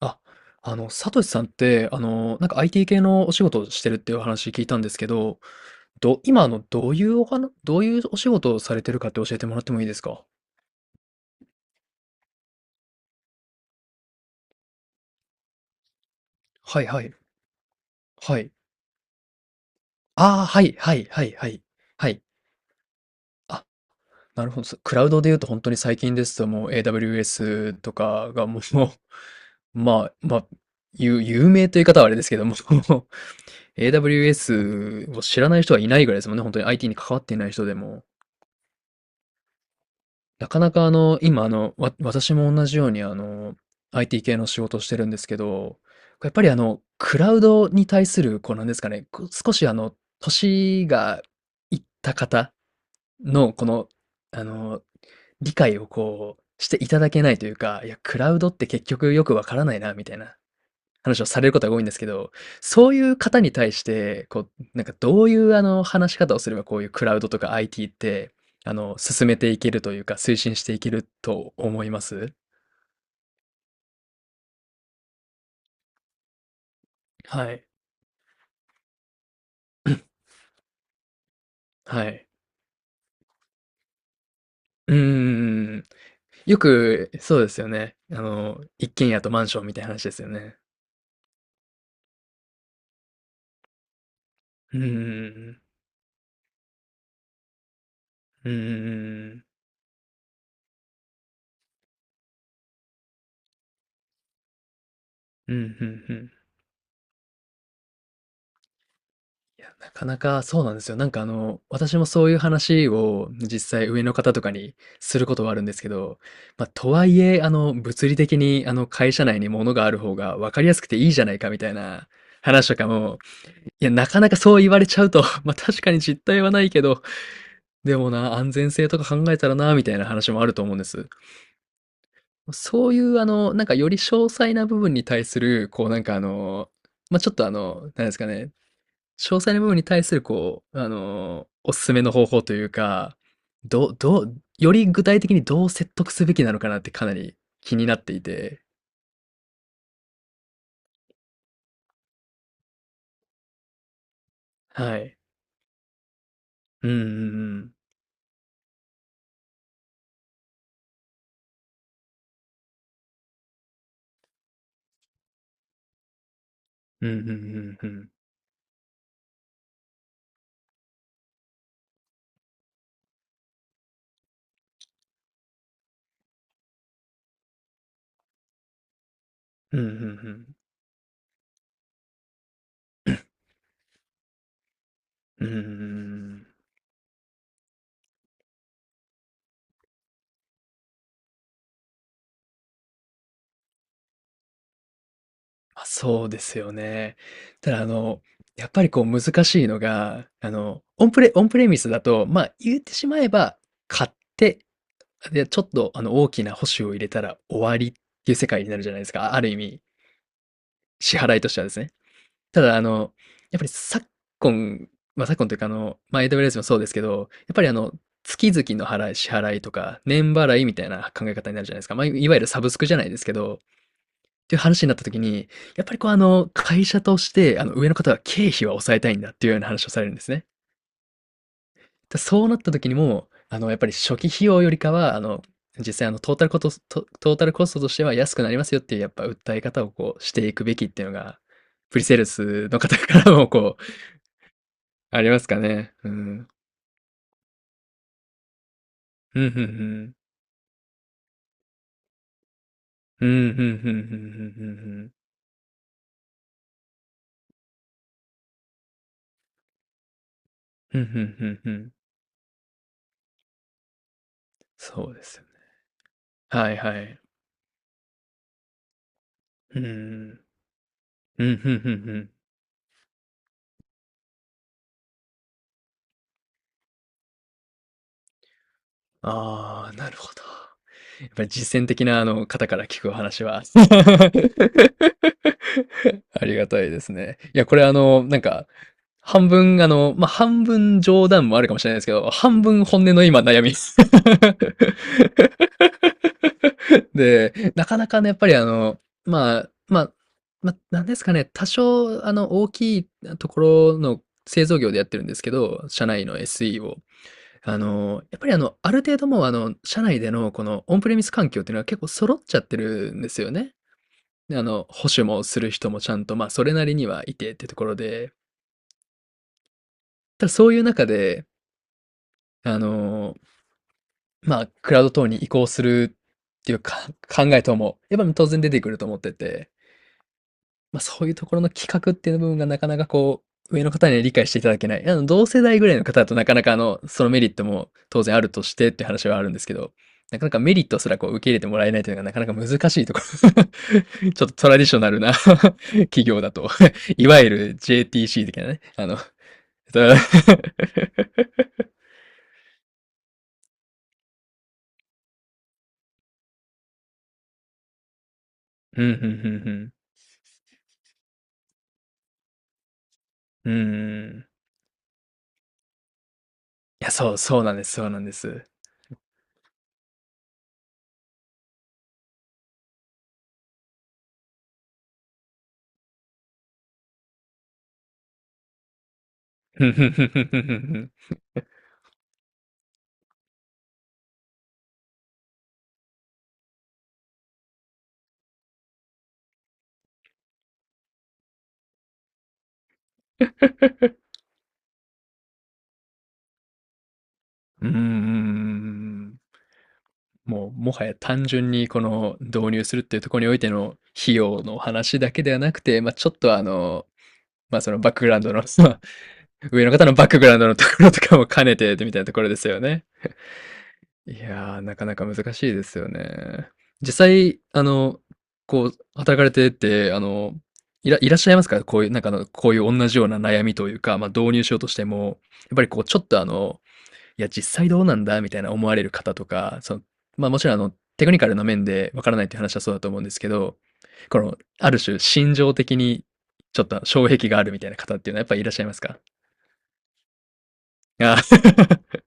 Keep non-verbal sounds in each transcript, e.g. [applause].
あ、サトシさんって、なんか IT 系のお仕事をしてるっていうお話聞いたんですけど、今、どういうお話、どういうお仕事をされてるかって教えてもらってもいいですか？はい、はい。はい。ああ、はい、はい、はい、はい。はい。あ、なるほど。クラウドで言うと本当に最近ですともう AWS とかがもう、[laughs] まあ、有名という言い方はあれですけども、[laughs] AWS を知らない人はいないぐらいですもんね。本当に IT に関わっていない人でも。なかなか今私も同じようにIT 系の仕事をしてるんですけど、やっぱりクラウドに対する、こうなんですかね、こう少し年がいった方の、この、あの、理解をこう、していただけないというか、いや、クラウドって結局よくわからないな、みたいな話をされることが多いんですけど、そういう方に対して、こう、なんかどういう話し方をすればこういうクラウドとか IT って、進めていけるというか、推進していけると思います？はい。はい。うんん、よく、そうですよね。一軒家とマンションみたいな話ですよね。うん、うん、うん、うん。うん、うん、うん。いや、なかなかそうなんですよ。なんか私もそういう話を実際上の方とかにすることはあるんですけど、まあ、とはいえ、物理的に会社内に物がある方が分かりやすくていいじゃないかみたいな話とかも、いや、なかなかそう言われちゃうと、[laughs] ま、確かに実態はないけど、でもな、安全性とか考えたらな、みたいな話もあると思うんです。そういうなんかより詳細な部分に対する、こうなんかまあ、ちょっとなんですかね、詳細な部分に対する、こう、おすすめの方法というか、どう、どう、より具体的にどう説得すべきなのかなってかなり気になっていて、はい。うん、うん、うん。うん、うん、うん、うん。うん、うん、うん。うん、うん、うん、うん、うん、うん、うん、まあ、そうですよね。ただ、やっぱりこう難しいのが、オンプレミスだと、まあ言ってしまえば、買って、で、ちょっと大きな保守を入れたら終わりっていう世界になるじゃないですか。ある意味。支払いとしてはですね。ただ、やっぱり今、昨今というか、まあ、AWS もそうですけど、やっぱり月々の支払いとか、年払いみたいな考え方になるじゃないですか。まあ、いわゆるサブスクじゃないですけど、っていう話になった時に、やっぱりこう、会社として、上の方は経費は抑えたいんだっていうような話をされるんですね。で、そうなった時にもやっぱり初期費用よりかは、実際トータルコストとしては安くなりますよっていうやっぱ訴え方をこうしていくべきっていうのが、プリセールスの方からもこう、ありますかね。うん。うん、ふん、ふん。うん、ふん、ふん、ふん、ふん、ふん、ふん。ふん、ふん、ふん、ふん。そうですよね。はい、はい。うん、うん、うん。うん、ふん、ふん、ふん。ああ、なるほど。やっぱり実践的な方から聞くお話は。[laughs] ありがたいですね。いや、これなんか、半分半分冗談もあるかもしれないですけど、半分本音の今悩み。[laughs] で、なかなかね、やっぱりまあ、まあ、まあ、なんですかね、多少大きいところの製造業でやってるんですけど、社内の SE を。やっぱりある程度もう社内でのこのオンプレミス環境っていうのは結構揃っちゃってるんですよね。で、保守もする人もちゃんと、まあ、それなりにはいてってところで、ただそういう中で、あの、まあ、クラウド等に移行するっていうか考え等も、やっぱり当然出てくると思ってて、まあ、そういうところの企画っていう部分がなかなかこう、上の方には理解していただけない。同世代ぐらいの方だとなかなかそのメリットも当然あるとしてっていう話はあるんですけど、なかなかメリットすらこう受け入れてもらえないというのがなかなか難しいところ。[laughs] ちょっとトラディショナルな [laughs] 企業だと [laughs] いわゆる JTC 的なね。[laughs] うん、うん、うん、うん。うん。いや、そうなんです、そうなんです。うん、うん。うん、うん、うん。もはや単純にこの導入するっていうところにおいての費用の話だけではなくて、まあ、ちょっとまあ、そのバックグラウンドの、[laughs] まあ上の方のバックグラウンドのところとかも兼ねてみたいなところですよね。いやー、なかなか難しいですよね。実際、こう、働かれてて、いらっしゃいますか、こういう、なんかこういう同じような悩みというか、まあ、導入しようとしても、やっぱりこう、ちょっといや、実際どうなんだみたいな思われる方とか、その、まあもちろんテクニカルな面でわからないっていう話はそうだと思うんですけど、この、ある種、心情的に、ちょっと障壁があるみたいな方っていうのはやっぱりいらっしゃいますか？あー、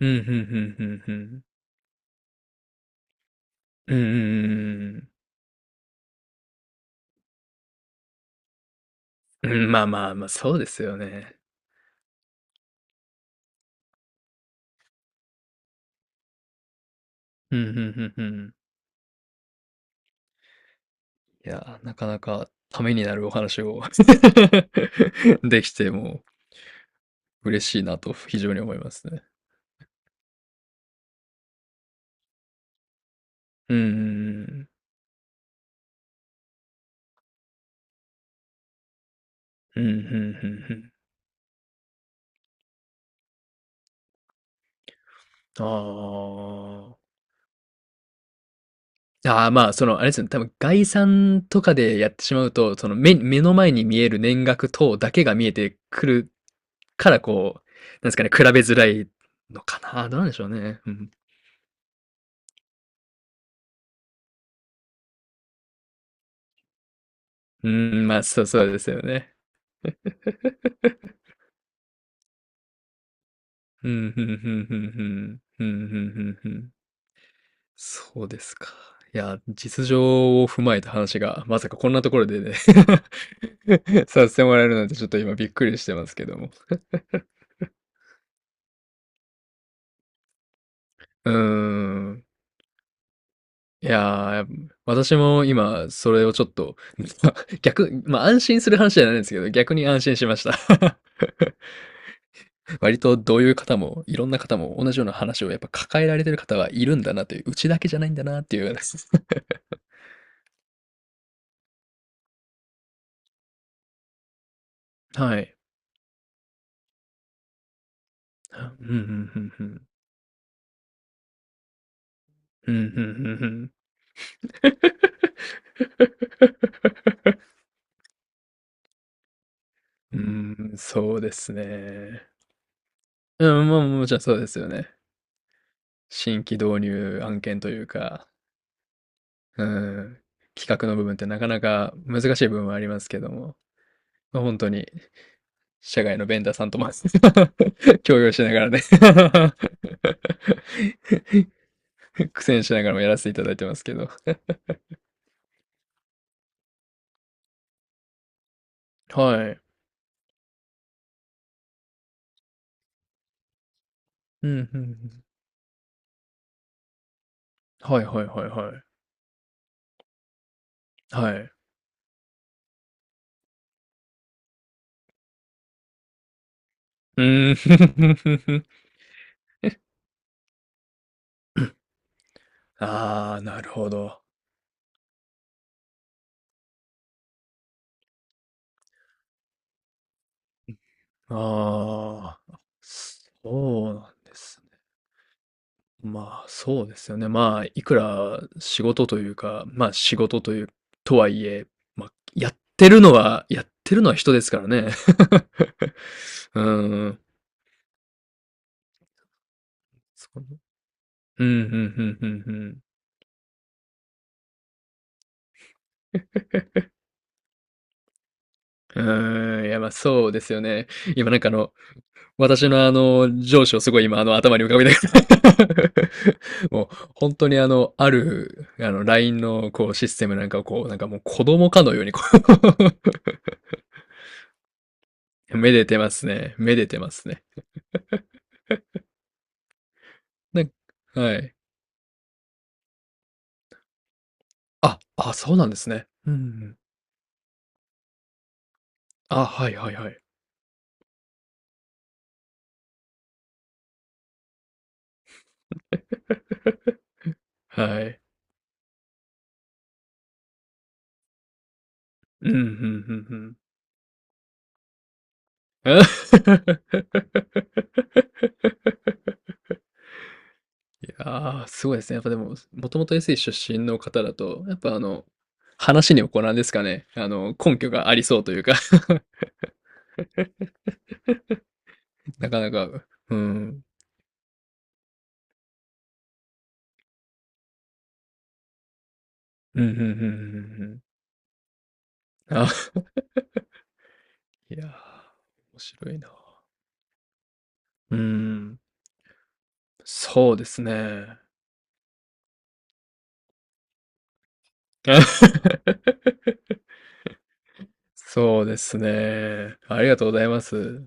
うん、[laughs] うん、うん、うん、うん。うん、うん、うん、うん。うん、まあ、まあ、まあ、そうですよね。うん、うん、うん、うん。いや、なかなかためになるお話を [laughs] できて、もう嬉しいなと非常に思いますね。うん、うん、うん。うん、うん、うん、うん、ああああ、まあ、その、あれですね、多分概算とかでやってしまうと、その目の前に見える年額等だけが見えてくるから、こう、なんですかね、比べづらいのかな。どうなんでしょうね。うん、うん、まあ、そうですよね。うん、うん、うん、うん、うん、うん、うん、うん。そうですか。いや、実情を踏まえた話が、まさかこんなところでね [laughs] させてもらえるなんて、ちょっと今びっくりしてますけども。うーん。いやー、私も今、それをちょっと、[laughs] まあ安心する話じゃないんですけど、逆に安心しました。[laughs] 割とどういう方も、いろんな方も同じような話をやっぱ抱えられてる方はいるんだなという、うちだけじゃないんだなっていう。[laughs] はい。うん、ふん、うん、うん、うん。うん、うん、うんん、うん、そうですね。うん、まあ、もちろんそうですよね。新規導入案件というか、うん、企画の部分ってなかなか難しい部分はありますけども、まあ、に社外のベンダーさんとも [laughs] 共用しながらね [laughs] 苦戦しながらもやらせていただいてますけど。はい。うん、うん、うん、はい、はい、はい、はい。はい。うーん [laughs]。ああ、なるほど。ああ、そうなんですね。まあ、そうですよね。まあ、いくら仕事というか、まあ、仕事という、とはいえ、まあ、やってるのは人ですからね。[laughs] うん。そこのうん、うん、うん、うん、うん。うーん、いや、まあ、そうですよね。今なんか私の上司をすごい今頭に浮かべながら [laughs] もう、本当にある、あの、LINE のこう、システムなんかをこう、なんかもう子供かのようにこう [laughs] めでてますね。めでてますね。なんはい。あ、そうなんですね。うん、あ、はい、はい、はい。はい。うん、うん、ふん、ふん。[laughs] ああ、すごいですね。やっぱでも、もともと SE 出身の方だと、やっぱ話にはこうなんですかね。根拠がありそうというか [laughs] なかなか、うん。うん、うん、うん、うん、うん、うん。あ、いやー、面白いな。うん、そうですね。[laughs] そうですね。ありがとうございます。